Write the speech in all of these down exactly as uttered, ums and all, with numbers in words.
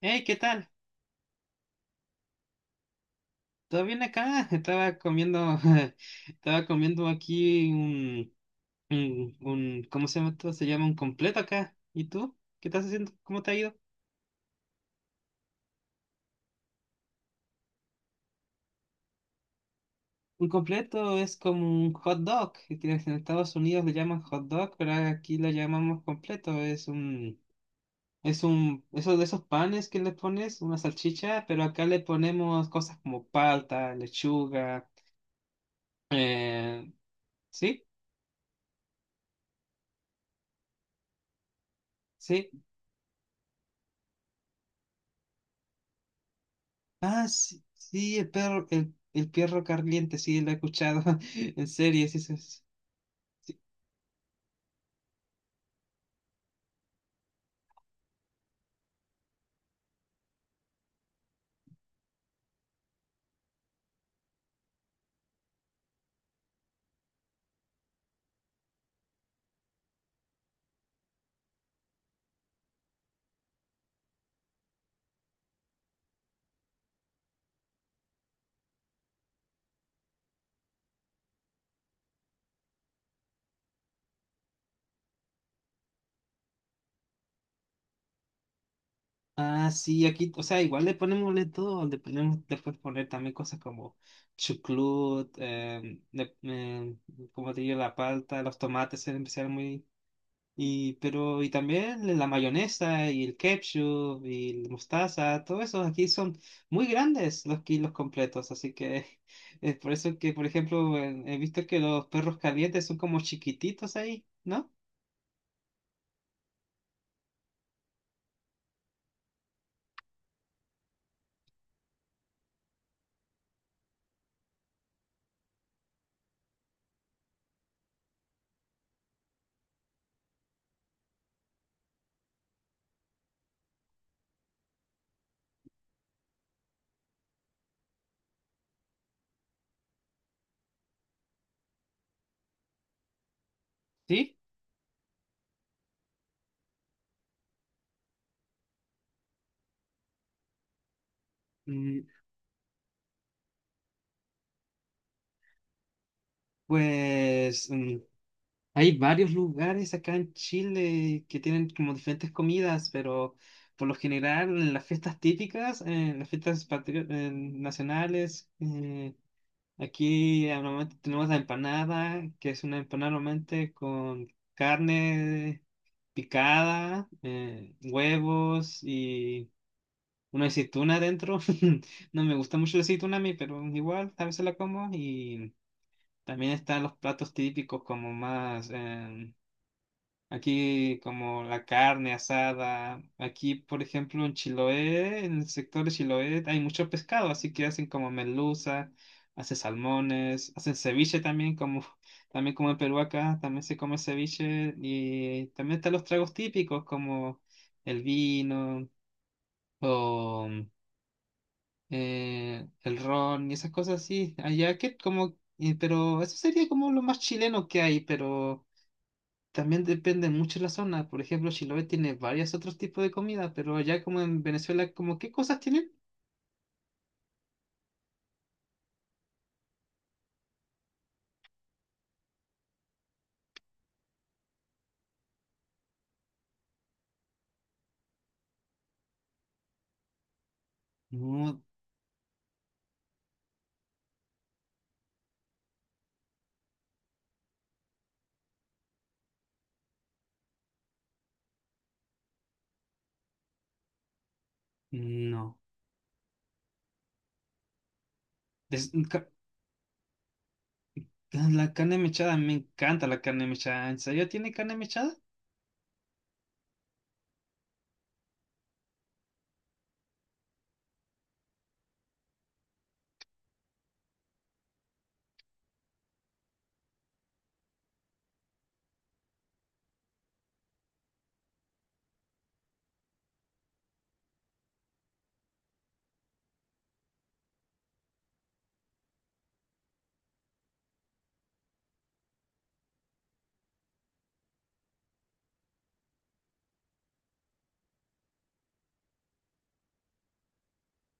Hey, ¿qué tal? ¿Todo bien acá? Estaba comiendo, estaba comiendo aquí un, un, un- ¿cómo se llama esto? Se llama un completo acá. ¿Y tú? ¿Qué estás haciendo? ¿Cómo te ha ido? Un completo es como un hot dog, que tienes en Estados Unidos le llaman hot dog, pero aquí lo llamamos completo. Es un, es un, esos de esos panes que le pones, una salchicha, pero acá le ponemos cosas como palta, lechuga, eh, ¿sí? Sí. Ah, sí, sí, el perro, el, el perro caliente, sí, lo he escuchado en series. eso es- Ah, sí, aquí, o sea, igual le ponemos de todo, le ponemos, le puedes poner también cosas como chucrut, eh, le- eh, como te digo, la palta, los tomates, en especial muy. Y, pero, y también la mayonesa y el ketchup y la mostaza, todos esos aquí son muy grandes los kilos completos, así que es por eso que, por ejemplo, en- he visto que los perros calientes son como chiquititos ahí, ¿no? ¿Sí? Mm, Pues mm, hay varios lugares acá en Chile que tienen como diferentes comidas, pero por lo general en las fiestas típicas, en las fiestas patri- en nacionales, eh, Aquí ah, normalmente tenemos la empanada, que es una empanada normalmente con carne picada, eh, huevos y una aceituna adentro. No me gusta mucho la aceituna a mí, pero igual a veces la como. Y también están los platos típicos como más em, Aquí como la carne asada. Aquí, por ejemplo, en Chiloé, en el sector de Chiloé, hay mucho pescado, así que hacen como merluza, hacen salmones, hacen ceviche también, como también como en Perú acá, también se come ceviche y también están los tragos típicos como el vino o eh, el ron y esas cosas así. Allá que como, eh, pero eso sería como lo más chileno que hay, pero también depende mucho de la zona. Por ejemplo, Chiloé tiene varios otros tipos de comida, pero allá como en Venezuela, ¿como qué cosas tienen? No, no. Des- ca- ah, la carne mechada, me encanta la carne mechada. ¿En serio tiene carne mechada?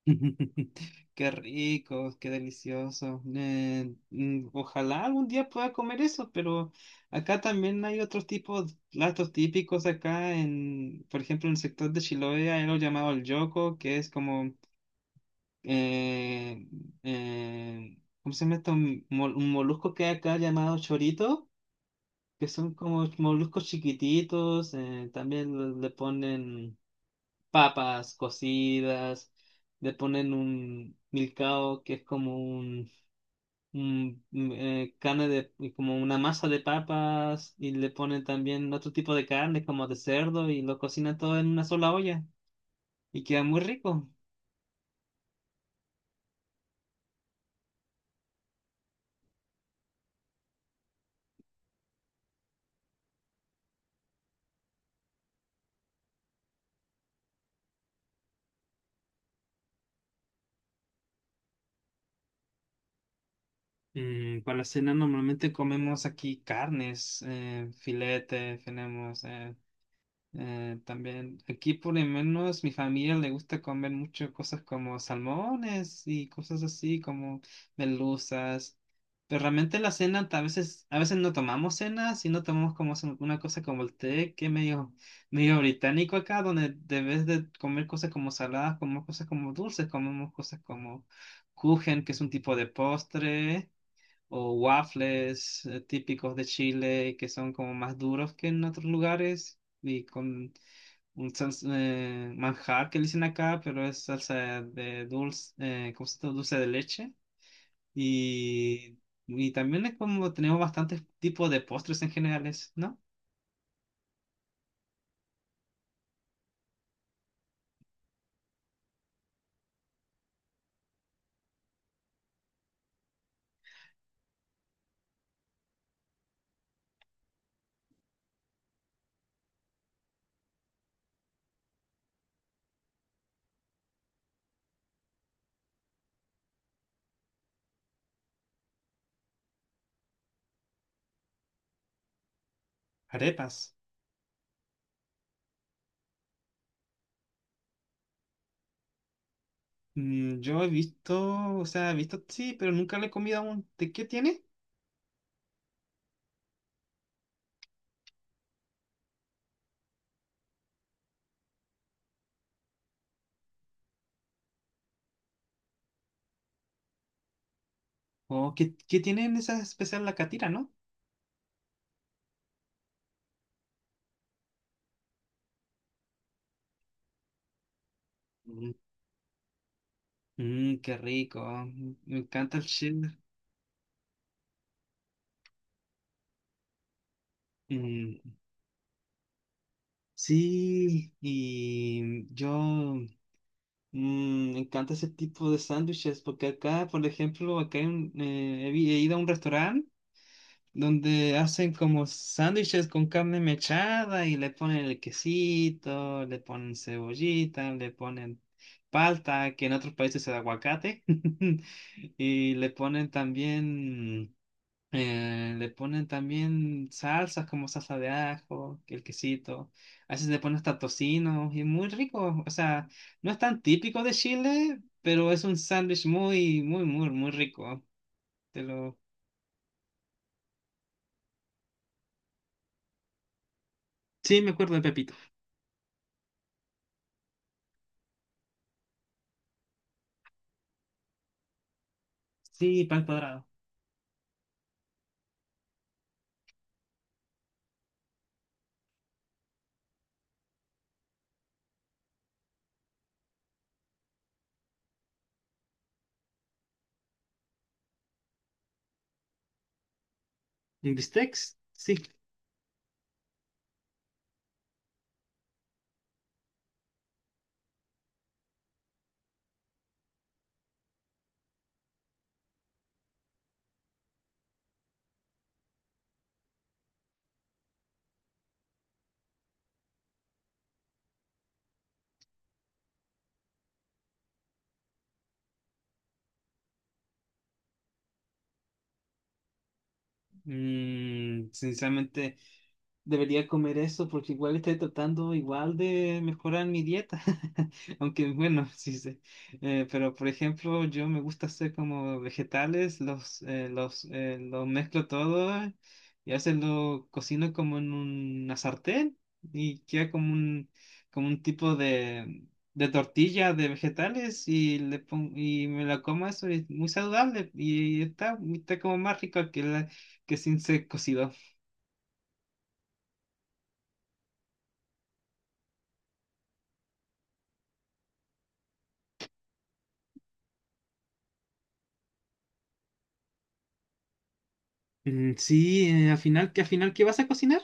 Qué rico, qué delicioso. Eh, mm, ojalá algún día pueda comer eso, pero acá también hay otros tipos, platos típicos acá en, por ejemplo, en el sector de Chiloé hay algo llamado el yoco, que es como eh, eh, ¿cómo se llama esto? Un mol- un molusco que hay acá llamado chorito, que son como moluscos chiquititos, eh, también le le ponen papas cocidas, le ponen un milcao que es como un, un, mm, eh, carne de, como una masa de papas, y le ponen también otro tipo de carne como de cerdo y lo cocinan todo en una sola olla y queda muy rico. Mm, para cena normalmente comemos aquí carnes, eh, filete, tenemos eh, eh, también. Aquí por lo menos mi familia le gusta comer mucho cosas como salmones y cosas así como merluzas. Pero realmente la cena a veces, a veces no tomamos cena, sino tomamos como se- una cosa como el té, que es medio, medio británico acá, donde de vez de comer cosas como saladas, comemos cosas como dulces, comemos cosas como kuchen, que es un tipo de postre o waffles eh, típicos de Chile que son como más duros que en otros lugares y con un sans- eh, manjar que le dicen acá, pero es salsa de dulce, eh, ¿cómo se llama? Dulce de leche. Y, y también es como tenemos bastantes tipos de postres en generales, ¿no? Arepas. Mm, yo he visto, o sea, he visto sí, pero nunca le he comido aún. ¿De qué tiene? ¿O qué, qué tiene en esa especial la catira, ¿no? Mm, mm, Qué rico. Me encanta el Chile. Mm, sí, y yo mm, me encanta ese tipo de sándwiches porque acá, por ejemplo, acá en- eh, he, vi- he ido a un restaurante donde hacen como sándwiches con carne mechada y le ponen el quesito, le ponen cebollita, le ponen palta, que en otros países es aguacate, y le ponen también... Eh, le ponen también salsas como salsa de ajo, que el quesito. A veces le ponen hasta tocino y es muy rico. O sea, no es tan típico de Chile, pero es un sándwich muy, muy, muy, muy rico. Te lo. Sí, me acuerdo de Pepito. Sí, pan cuadrado. ¿Y el Bistecs? Sí. Mm, sinceramente. Debería comer eso porque igual estoy tratando igual de mejorar mi dieta. Aunque bueno, sí sé. Eh, pero por ejemplo, yo me gusta hacer como vegetales, los, eh, los, eh, los mezclo todo y a veces lo cocino como en una sartén y queda como un, como un tipo de, de tortilla de vegetales y, le pon- y me la como eso y es muy saludable y está, está como más rico que, la, que sin ser cocido. Mm, sí, eh, al final, ¿qué al final qué vas a cocinar?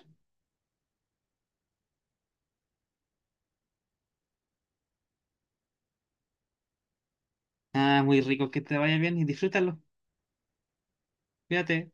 Ah, muy rico, que te vaya bien y disfrútalo. Cuídate.